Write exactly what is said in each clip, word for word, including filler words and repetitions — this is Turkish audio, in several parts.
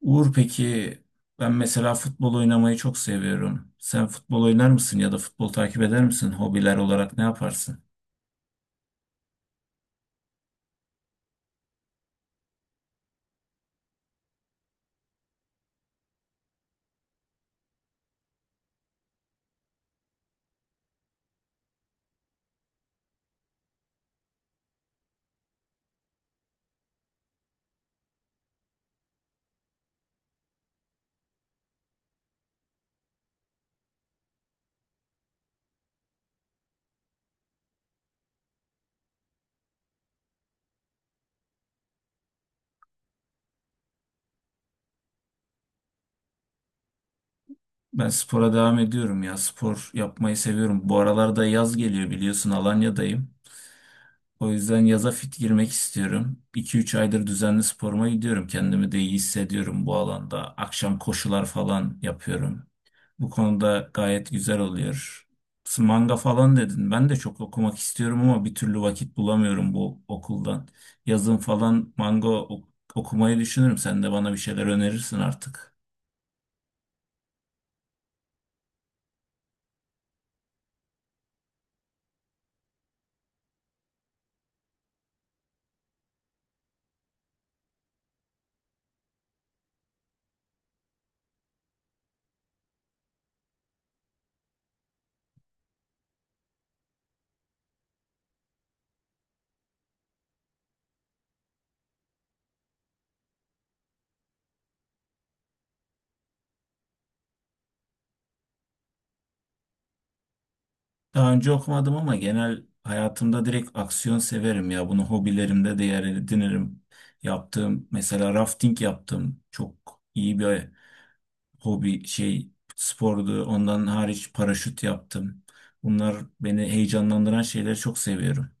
Uğur peki ben mesela futbol oynamayı çok seviyorum. Sen futbol oynar mısın ya da futbol takip eder misin? Hobiler olarak ne yaparsın? Ben spora devam ediyorum ya. Spor yapmayı seviyorum. Bu aralarda yaz geliyor biliyorsun Alanya'dayım. O yüzden yaza fit girmek istiyorum. iki üç aydır düzenli sporuma gidiyorum. Kendimi de iyi hissediyorum bu alanda. Akşam koşular falan yapıyorum. Bu konuda gayet güzel oluyor. Manga falan dedin. Ben de çok okumak istiyorum ama bir türlü vakit bulamıyorum bu okuldan. Yazın falan manga ok- okumayı düşünürüm. Sen de bana bir şeyler önerirsin artık. Daha önce okumadım ama genel hayatımda direkt aksiyon severim ya. Bunu hobilerimde de yer edinirim. Yaptığım mesela rafting yaptım. Çok iyi bir hobi şey spordu. Ondan hariç paraşüt yaptım. Bunlar beni heyecanlandıran şeyleri çok seviyorum.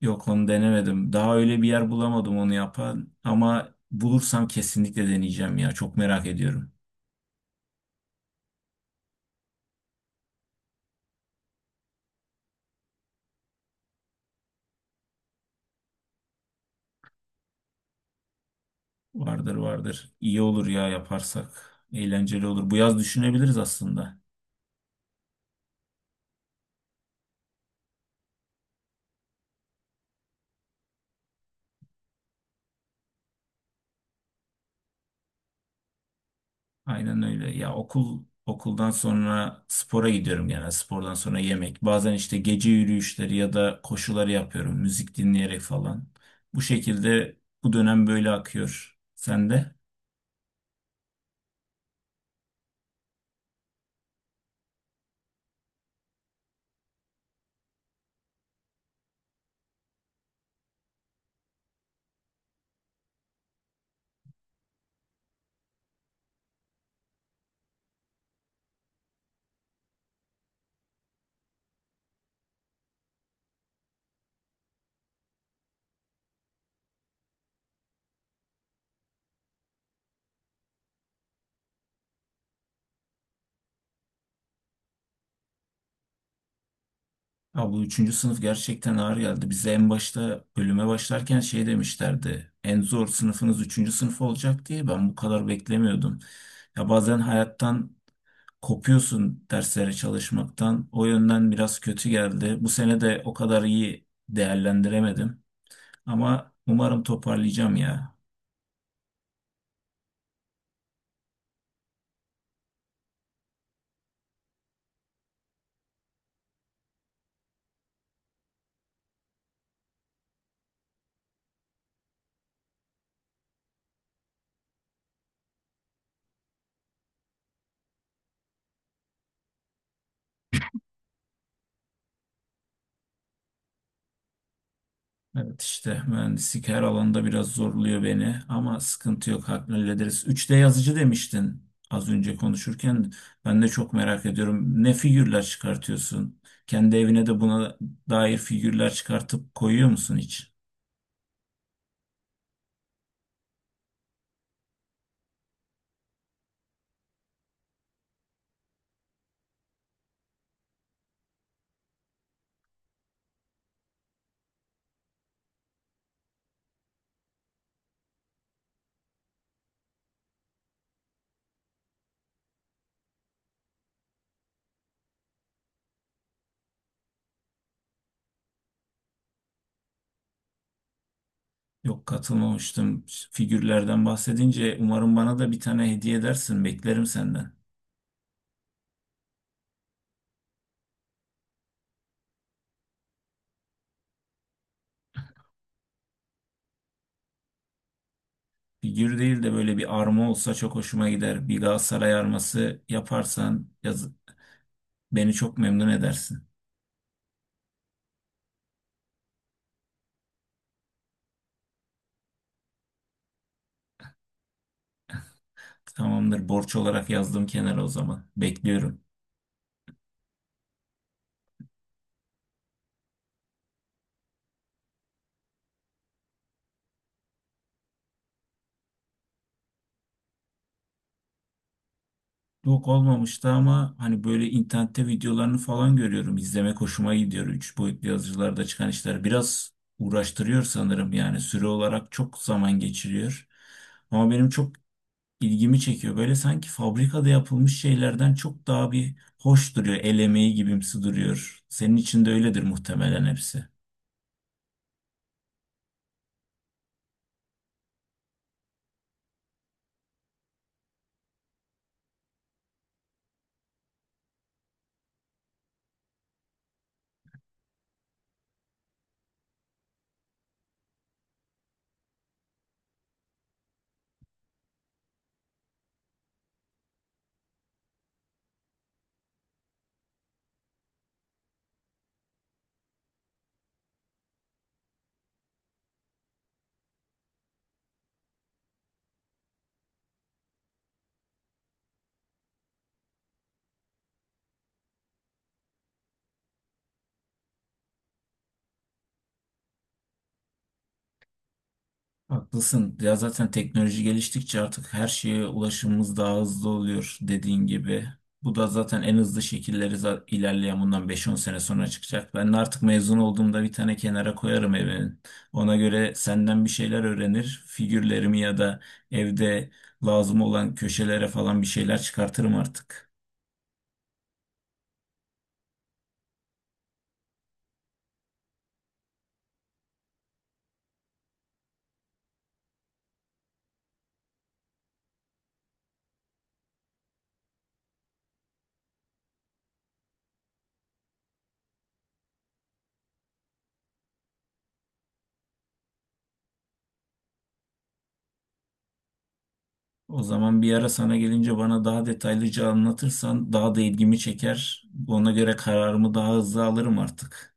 Yok onu denemedim. Daha öyle bir yer bulamadım onu yapan ama bulursam kesinlikle deneyeceğim ya. Çok merak ediyorum. Vardır vardır. İyi olur ya yaparsak. Eğlenceli olur. Bu yaz düşünebiliriz aslında. Aynen öyle. Ya okul okuldan sonra spora gidiyorum genel. Spordan sonra yemek. Bazen işte gece yürüyüşleri ya da koşuları yapıyorum. Müzik dinleyerek falan. Bu şekilde bu dönem böyle akıyor. Sen de? Ya bu üçüncü sınıf gerçekten ağır geldi. Bize en başta bölüme başlarken şey demişlerdi. En zor sınıfınız üçüncü sınıf olacak diye ben bu kadar beklemiyordum. Ya bazen hayattan kopuyorsun derslere çalışmaktan. O yönden biraz kötü geldi. Bu sene de o kadar iyi değerlendiremedim. Ama umarım toparlayacağım ya. Evet işte mühendislik her alanda biraz zorluyor beni ama sıkıntı yok hallederiz. üç D yazıcı demiştin az önce konuşurken. Ben de çok merak ediyorum. Ne figürler çıkartıyorsun? Kendi evine de buna dair figürler çıkartıp koyuyor musun hiç? Yok katılmamıştım. Figürlerden bahsedince umarım bana da bir tane hediye edersin. Beklerim senden. Figür değil de böyle bir arma olsa çok hoşuma gider. Bir Galatasaray arması yaparsan yaz beni çok memnun edersin. Tamamdır borç olarak yazdım kenara o zaman. Bekliyorum. Yok olmamıştı ama hani böyle internette videolarını falan görüyorum. İzlemek hoşuma gidiyor. Üç boyutlu yazıcılarda çıkan işler biraz uğraştırıyor sanırım yani süre olarak çok zaman geçiriyor. Ama benim çok ilgimi çekiyor. Böyle sanki fabrikada yapılmış şeylerden çok daha bir hoş duruyor. El emeği gibimsi duruyor. Senin için de öyledir muhtemelen hepsi. Haklısın. Ya zaten teknoloji geliştikçe artık her şeye ulaşımımız daha hızlı oluyor dediğin gibi. Bu da zaten en hızlı şekilleri za- ilerleyen bundan beş on sene sonra çıkacak. Ben de artık mezun olduğumda bir tane kenara koyarım evimin. Ona göre senden bir şeyler öğrenir. Figürlerimi ya da evde lazım olan köşelere falan bir şeyler çıkartırım artık. O zaman bir ara sana gelince bana daha detaylıca anlatırsan daha da ilgimi çeker. Ona göre kararımı daha hızlı alırım artık.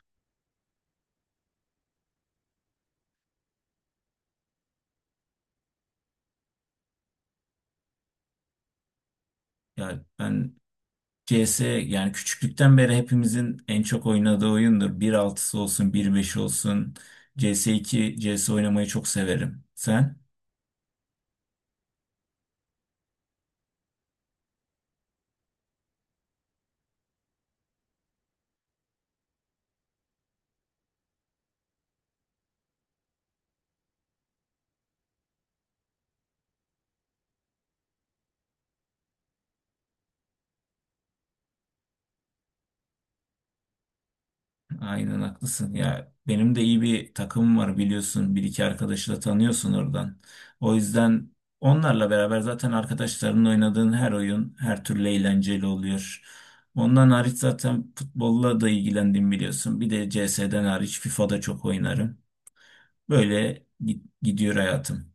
Yani ben C S. Yani küçüklükten beri hepimizin en çok oynadığı oyundur. Bir altısı olsun, bir beşi olsun. C S iki C S oynamayı çok severim. Sen? Aynen haklısın. Ya benim de iyi bir takımım var biliyorsun. Bir iki arkadaşı da tanıyorsun oradan. O yüzden onlarla beraber zaten arkadaşlarınla oynadığın her oyun her türlü eğlenceli oluyor. Ondan hariç zaten futbolla da ilgilendim biliyorsun. Bir de C S'den hariç FIFA'da çok oynarım. Böyle gi- gidiyor hayatım.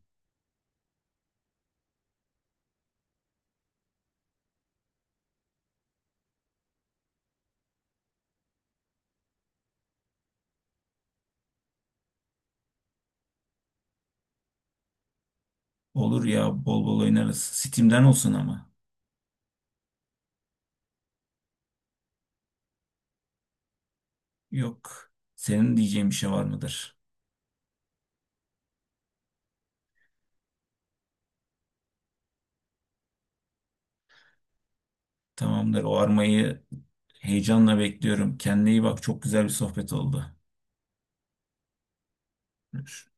Olur ya bol bol oynarız. Steam'den olsun ama. Yok. Senin diyeceğin bir şey var mıdır? Tamamdır. O armayı heyecanla bekliyorum. Kendine iyi bak. Çok güzel bir sohbet oldu. Görüşürüz.